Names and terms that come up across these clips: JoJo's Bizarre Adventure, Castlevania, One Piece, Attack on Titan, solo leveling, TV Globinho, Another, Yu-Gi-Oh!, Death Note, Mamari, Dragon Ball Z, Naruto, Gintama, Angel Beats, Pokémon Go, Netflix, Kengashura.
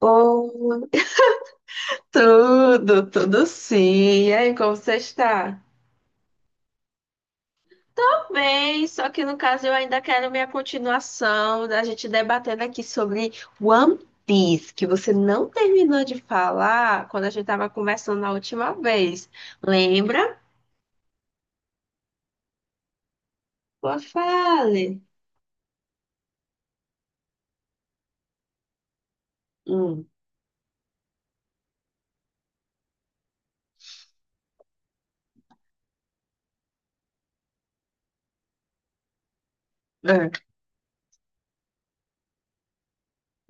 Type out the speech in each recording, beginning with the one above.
Oh, tudo, tudo sim. E aí, como você está? Tudo bem, só que no caso eu ainda quero minha continuação da gente debatendo aqui sobre One Piece, que você não terminou de falar quando a gente estava conversando na última vez. Lembra? Boa, fale. Hum, é.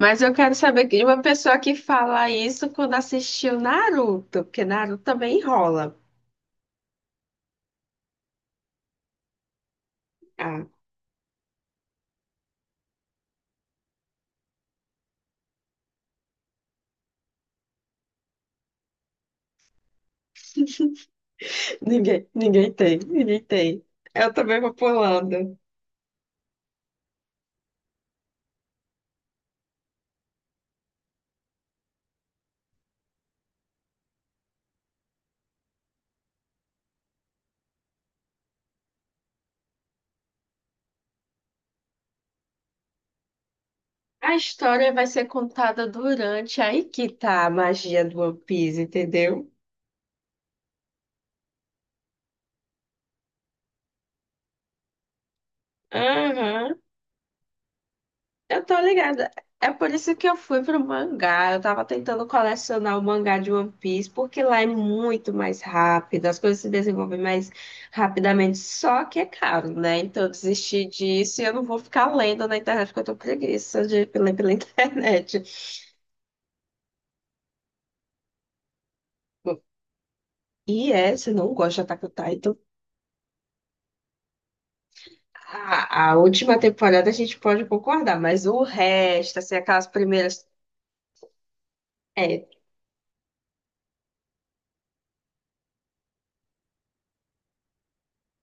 Mas eu quero saber de uma pessoa que fala isso quando assistiu Naruto, porque Naruto também enrola. Ninguém tem. Eu também vou pra Holanda. A história vai ser contada durante. Aí que tá a magia do One Piece, entendeu? Aham. Eu tô ligada. É por isso que eu fui pro mangá. Eu tava tentando colecionar o mangá de One Piece, porque lá é muito mais rápido, as coisas se desenvolvem mais rapidamente. Só que é caro, né? Então eu desisti disso e eu não vou ficar lendo na internet, porque eu tô preguiça de ler pela internet. E é, você não gosta de Attack on Titan? A última temporada a gente pode concordar, mas o resto, assim, aquelas primeiras. É,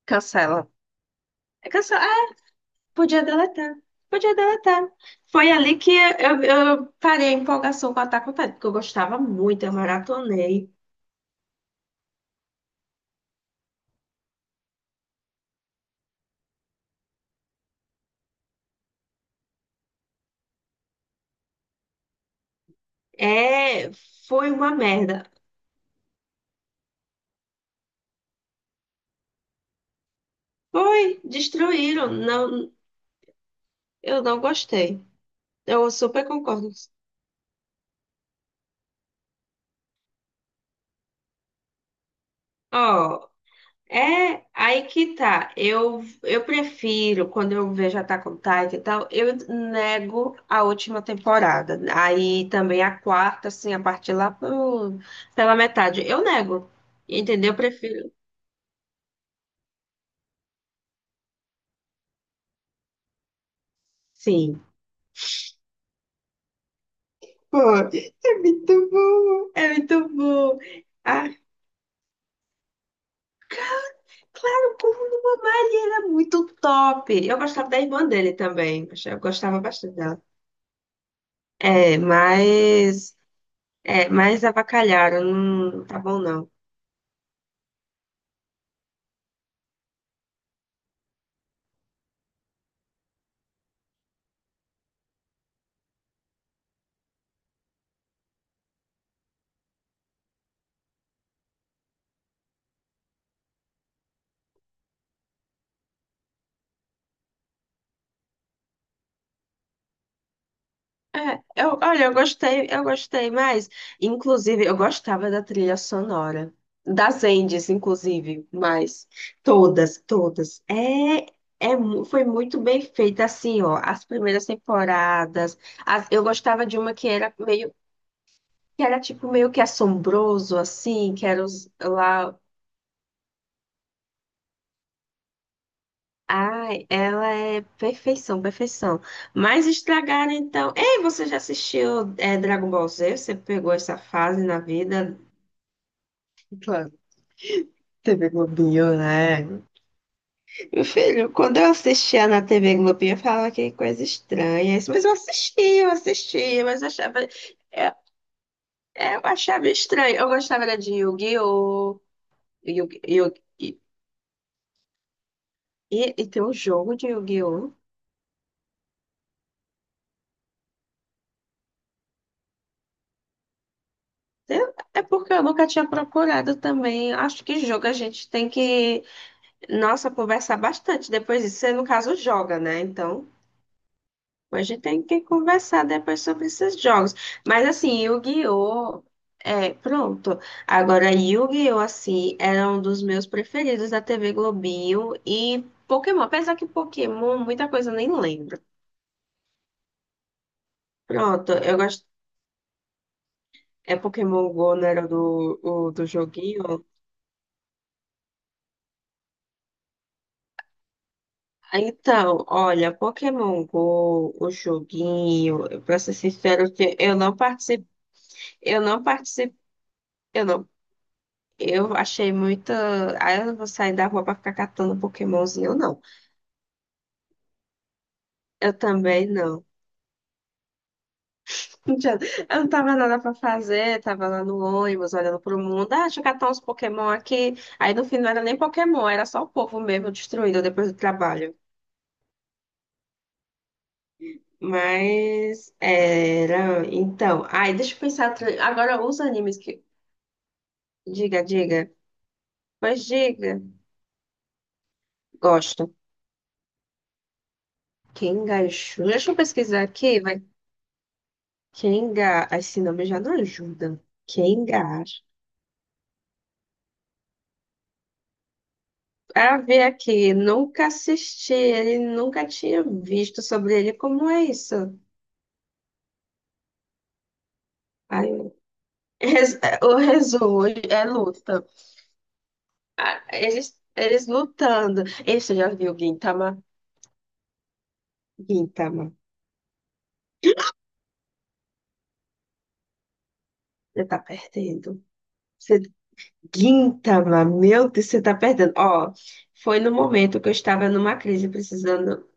cancela. É, cancela. Ah, podia deletar. Podia deletar. Foi ali que eu parei a empolgação com Attack on Titan, porque eu gostava muito, eu maratonei. É, foi uma merda. Foi, destruíram. Não, eu não gostei. Eu super concordo. Ó, é, aí que tá. Eu prefiro, quando eu vejo Attack on Titan e tal, eu nego a última temporada. Aí também a quarta, assim, a partir lá pela metade. Eu nego. Entendeu? Eu prefiro. Sim. Pô, é muito bom. É muito bom. Ah, claro, como no Mamari era muito top. Eu gostava da irmã dele também. Eu gostava bastante dela. É, mas. É, mas avacalharam. Não tá bom, não. É, eu, olha, eu gostei mais. Inclusive, eu gostava da trilha sonora. Das Endes, inclusive, mas todas. Foi muito bem feita, assim, ó. As primeiras temporadas. Eu gostava de uma que era meio, que era tipo meio que assombroso, assim, que era os, lá. Ai, ela é perfeição, perfeição. Mas estragaram então. Ei, você já assistiu é, Dragon Ball Z? Você pegou essa fase na vida. Claro, TV Globinho, né? Meu filho, quando eu assistia na TV Globinho, eu falava que coisa estranha. Mas eu assistia, mas eu achava, eu, eu achava estranho. Eu gostava era de Yu-Gi-Oh! Yu- Yu- E, e tem um jogo de Yu-Gi-Oh! É porque eu nunca tinha procurado também. Acho que jogo a gente tem que, nossa, conversar bastante depois disso. Você, no caso, joga, né? Então. A gente tem que conversar depois sobre esses jogos. Mas assim, Yu-Gi-Oh! É, pronto. Agora, Yu-Gi-Oh! Assim, era um dos meus preferidos da TV Globinho e Pokémon. Apesar que Pokémon, muita coisa eu nem lembro. Pronto, eu gosto. É Pokémon Go, não era o, do joguinho? Então, olha, Pokémon Go, o joguinho, pra ser sincero, eu não participei, eu não participei, eu não Eu achei muita. Ah, eu vou sair da rua pra ficar catando Pokémonzinho, eu não. Eu também não. Já- Eu não tava nada pra fazer, tava lá no ônibus olhando pro mundo. Ah, deixa eu catar uns Pokémon aqui. Aí no fim não era nem Pokémon, era só o povo mesmo destruído depois do trabalho. Mas era. Então, ai, deixa eu pensar. Agora os animes que. Diga, diga. Pois diga. Gosto. Quem, deixa eu pesquisar aqui, vai. Quem Kengar, esse nome já não ajuda. Quem Kengar. Para ver aqui, nunca assisti ele, nunca tinha visto sobre ele. Como é isso? Aí, o resumo é luta. Ah, eles lutando. Ei, você já viu Gintama? Gintama, você tá perdendo. Você, Gintama, meu Deus, você tá perdendo. Ó, foi no momento que eu estava numa crise, precisando.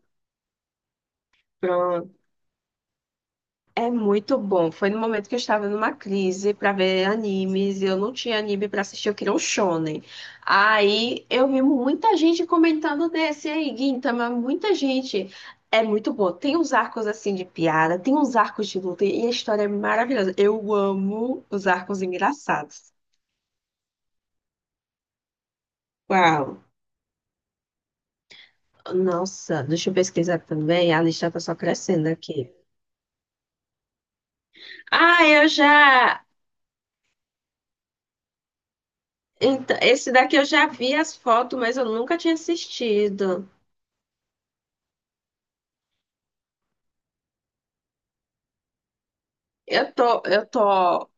É muito bom. Foi no momento que eu estava numa crise para ver animes, e eu não tinha anime para assistir, eu queria um shonen. Aí eu vi muita gente comentando desse aí, Gintama, muita gente. É muito bom. Tem uns arcos assim de piada, tem uns arcos de luta e a história é maravilhosa. Eu amo os arcos engraçados. Uau. Nossa, deixa eu pesquisar também. A lista tá só crescendo aqui. Ah, eu já. Então, esse daqui eu já vi as fotos, mas eu nunca tinha assistido. Eu tô.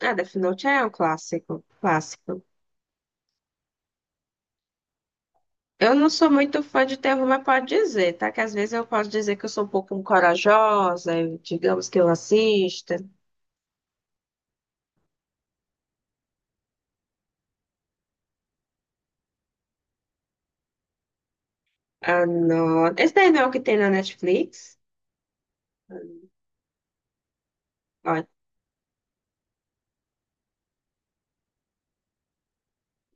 Ah, Death Note é um clássico, clássico. Eu não sou muito fã de terror, mas pode dizer, tá? Que às vezes eu posso dizer que eu sou um pouco corajosa, digamos que eu assista. Ah, não. Esse daí não é o que tem na Netflix? Ó,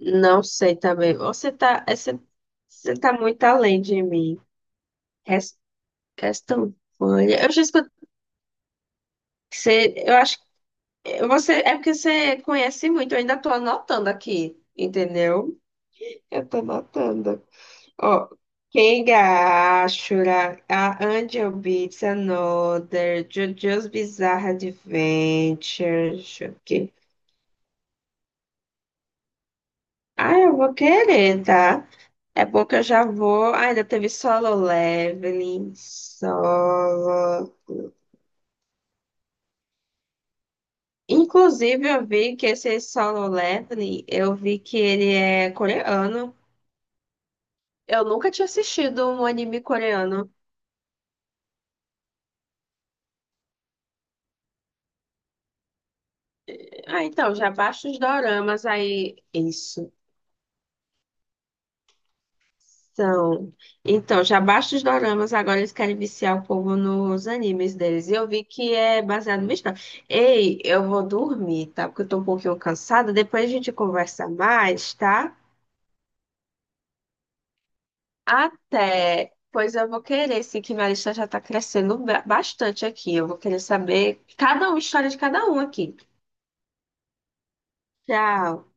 não sei também. Você tá muito além de mim. Res- Castlevania. Eu já escutei. Você, eu acho que você é porque você conhece muito, eu ainda tô anotando aqui, entendeu? Eu tô anotando. Oh, Kengashura, A Angel Beats Another, JoJo's Bizarre Adventure, deixa eu ver. Ah, eu vou querer, tá? É bom que eu já vou. Ah, ainda teve Solo Leveling, solo. Inclusive, eu vi que esse Solo Leveling, eu vi que ele é coreano. Eu nunca tinha assistido um anime coreano. Ah, então, já baixa os doramas aí. Isso. São. Então, já basta os doramas, agora eles querem viciar o povo nos animes deles. E eu vi que é baseado no história. Ei, eu vou dormir, tá? Porque eu tô um pouquinho cansada. Depois a gente conversa mais, tá? Até. Pois eu vou querer, sim, que minha lista já tá crescendo bastante aqui. Eu vou querer saber cada um, história de cada um aqui. Tchau.